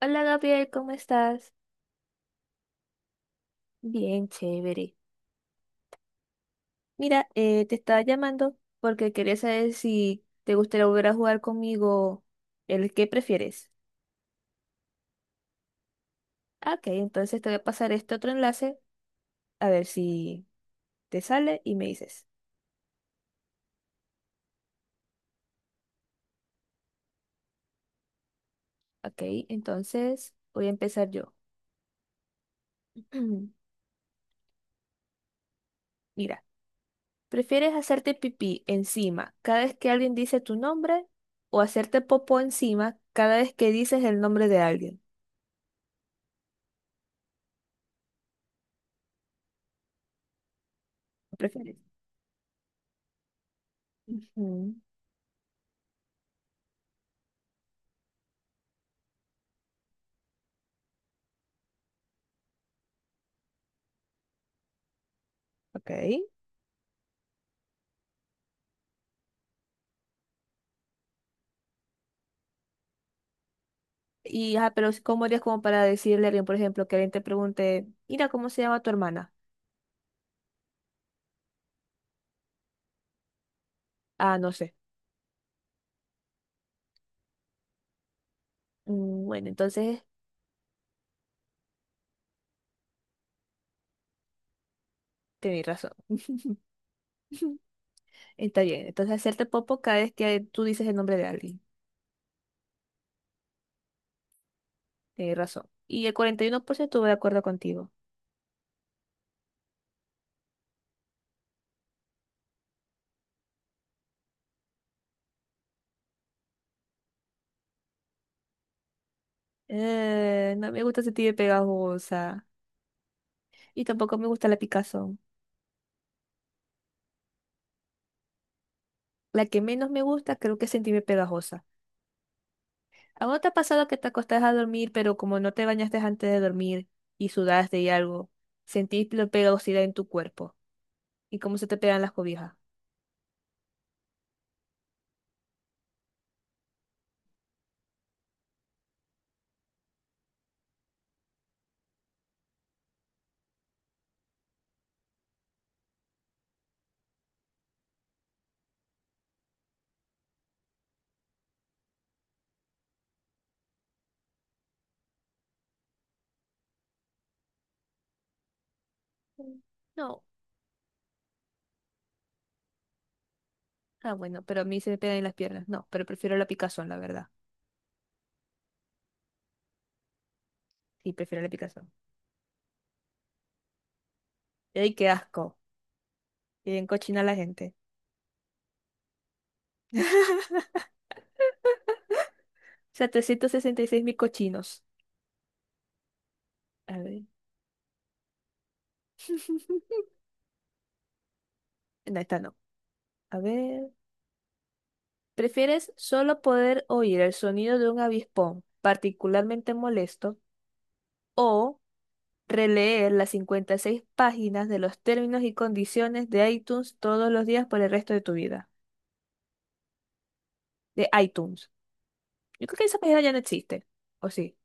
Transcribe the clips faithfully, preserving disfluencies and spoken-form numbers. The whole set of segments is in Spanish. Hola Gabriel, ¿cómo estás? Bien, chévere. Mira, eh, te estaba llamando porque quería saber si te gustaría volver a jugar conmigo el que prefieres. Ah, Ok, entonces te voy a pasar este otro enlace a ver si te sale y me dices. Ok, entonces voy a empezar yo. Mira, ¿prefieres hacerte pipí encima cada vez que alguien dice tu nombre o hacerte popó encima cada vez que dices el nombre de alguien? ¿Qué ¿Prefieres? Ujú, Ok. Y, ah, pero ¿cómo harías como para decirle a alguien, por ejemplo, que alguien te pregunte, mira, ¿cómo se llama tu hermana? Ah, no sé. "Mm, Bueno, entonces tenés razón. Está bien. Entonces hacerte popo cada vez que tú dices el nombre de alguien. Tenés razón. Y el cuarenta y uno por ciento va de acuerdo contigo. Eh, no me gusta sentirme pegajosa. Y tampoco me gusta la picazón. La que menos me gusta creo que es sentirme pegajosa. ¿A vos te ha pasado que te acostás a dormir, pero como no te bañaste antes de dormir y sudaste y algo, sentís la pegajosidad en tu cuerpo? ¿Y cómo se te pegan las cobijas? Mm. No. Ah, bueno, pero a mí se me pegan en las piernas. No, pero prefiero la picazón, la verdad. Sí, prefiero la picazón. ¡Ay, qué asco! Y bien cochina la gente. O sea, trescientos sesenta y seis mil cochinos. A ver. No, esta no. A ver. ¿Prefieres solo poder oír el sonido de un avispón particularmente molesto o releer las cincuenta y seis páginas de los términos y condiciones de iTunes todos los días por el resto de tu vida? De iTunes. Yo creo que esa página ya no existe. ¿O sí?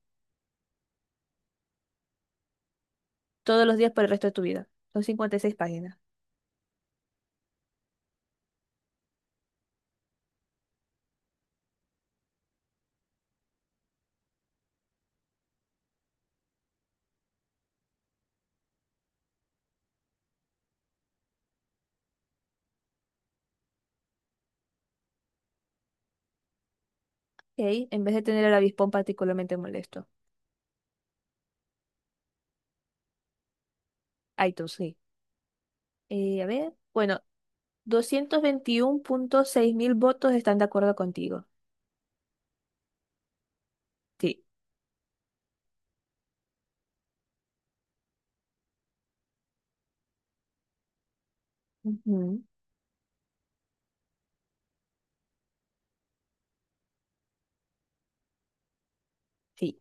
Todos los días por el resto de tu vida. Son cincuenta y seis páginas. Ok, en vez de tener el avispón particularmente molesto. iTunes, sí. Eh, a ver. Bueno, doscientos veintiuno punto seis mil votos están de acuerdo contigo. Sí, ujú. Sí.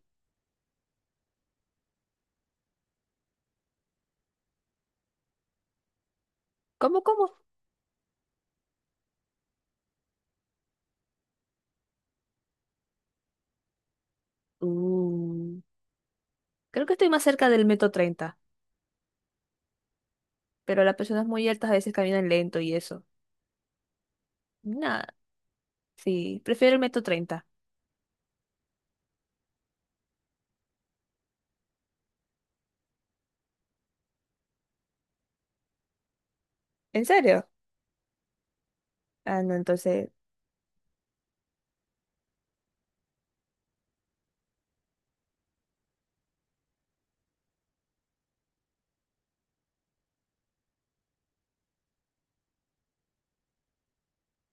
¿Cómo, cómo? Uh, Creo que estoy más cerca del metro treinta, pero las personas muy altas a veces caminan lento y eso. Nada, sí, prefiero el metro treinta. ¿En serio? Ah, no, entonces,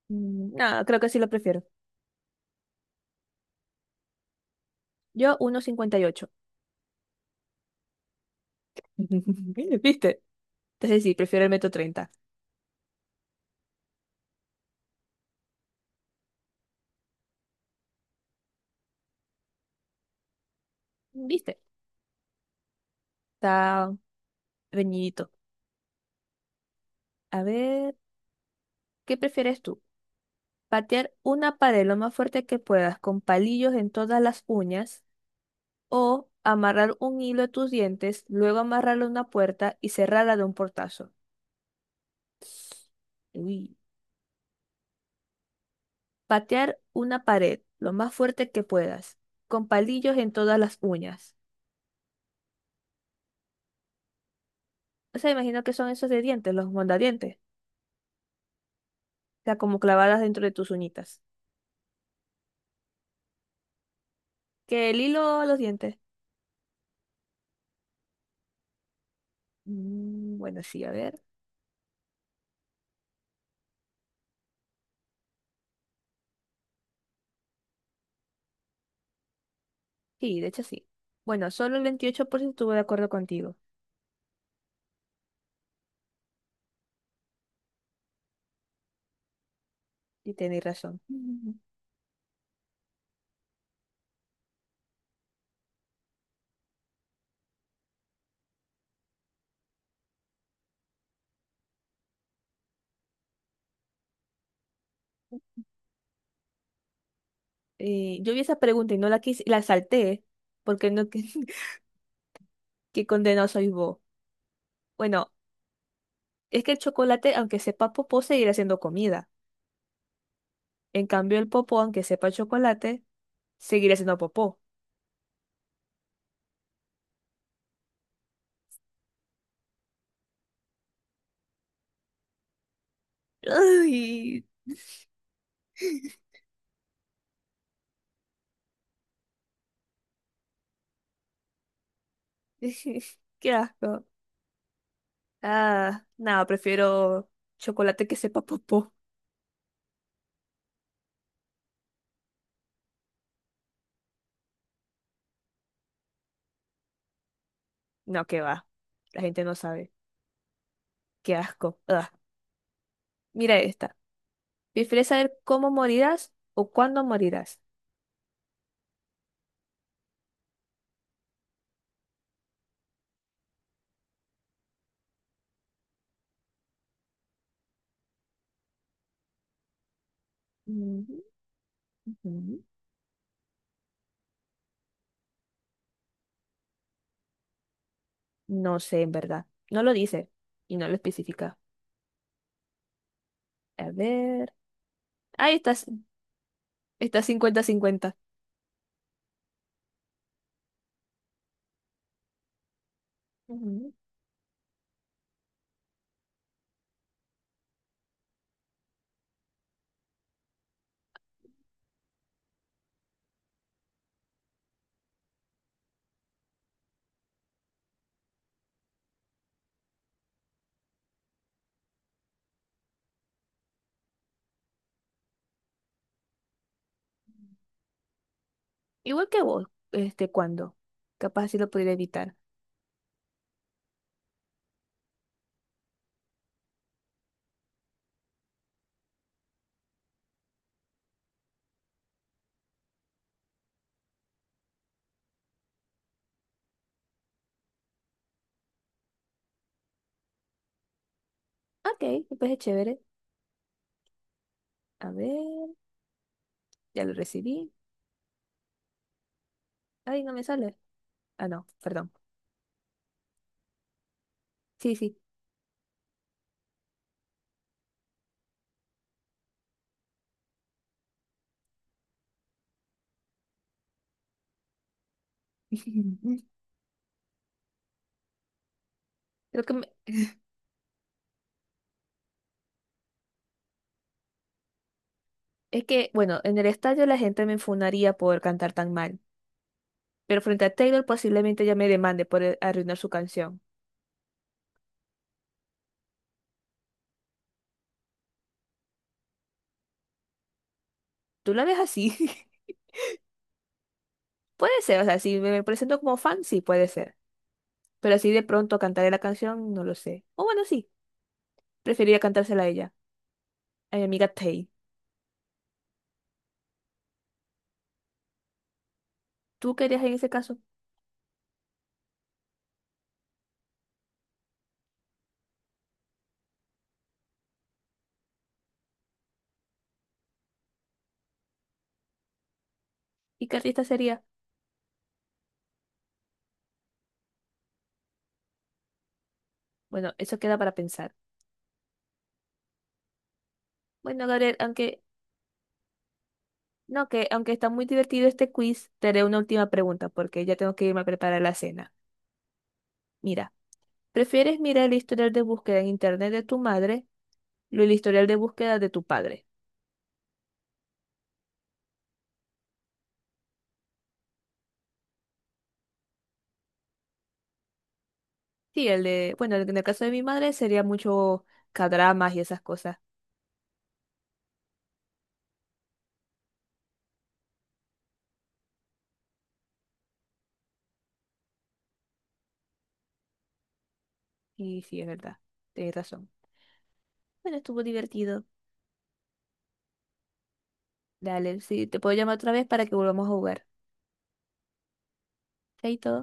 nada, creo que sí lo prefiero. Yo uno cincuenta y ocho. ¿Viste? Entonces sí, prefiero el metro treinta. ¿Viste? Está reñidito. A ver, ¿qué prefieres tú? Patear una pared lo más fuerte que puedas con palillos en todas las uñas o amarrar un hilo a tus dientes, luego amarrarlo a una puerta y cerrarla de un portazo. Uy. Patear una pared lo más fuerte que puedas con palillos en todas las uñas. O sea, imagino que son esos de dientes, los mondadientes. O sea, como clavadas dentro de tus uñitas. Que el hilo a los dientes. Mm, bueno, sí, a ver. Sí, de hecho sí. Bueno, solo el veintiocho por ciento estuvo de acuerdo contigo. Y tenéis razón. Eh, yo vi esa pregunta y no la quise, la salté, porque no, que, qué condenado soy vos. Bueno, es que el chocolate, aunque sepa popó, seguirá siendo comida. En cambio, el popó, aunque sepa chocolate, seguirá siendo popó. Ay, qué asco. Ah, no, prefiero chocolate que sepa popó. No, que va. La gente no sabe. Qué asco. Ah, mira esta. ¿Prefieres saber cómo morirás o cuándo morirás? Mm. Ujú. No sé, en verdad. No lo dice y no lo especifica. A ver. Ahí está, c- está cincuenta 50. Ujú. Igual que vos, este, cuando. Capaz así lo pudiera evitar. Ok, pues es chévere. A ver, ya lo recibí. Ay, no me sale. Ah, no, perdón. Sí, sí. Creo que me- es que, bueno, en el estadio la gente me enfunaría por cantar tan mal. Pero frente a Taylor posiblemente ya me demande por eh, arruinar su canción. ¿Tú la ves así? Puede ser, o sea, si me presento como fan, sí, puede ser. Pero así de pronto cantaré la canción, no lo sé. O bueno, sí, preferiría cantársela a ella, a mi amiga Tay. ¿Tú qué harías en ese caso? ¿Y qué artista sería? Bueno, eso queda para pensar. Bueno, Gabriel, aunque no, que aunque está muy divertido este quiz, te haré una última pregunta porque ya tengo que irme a preparar la cena. Mira, ¿prefieres mirar el historial de búsqueda en internet de tu madre o el historial de búsqueda de tu padre? Sí, el de, bueno, en el caso de mi madre sería mucho cadramas y esas cosas. Y sí, es verdad, tienes razón. Bueno, estuvo divertido. Dale, sí, te puedo llamar otra vez para que volvamos a jugar. Chaito.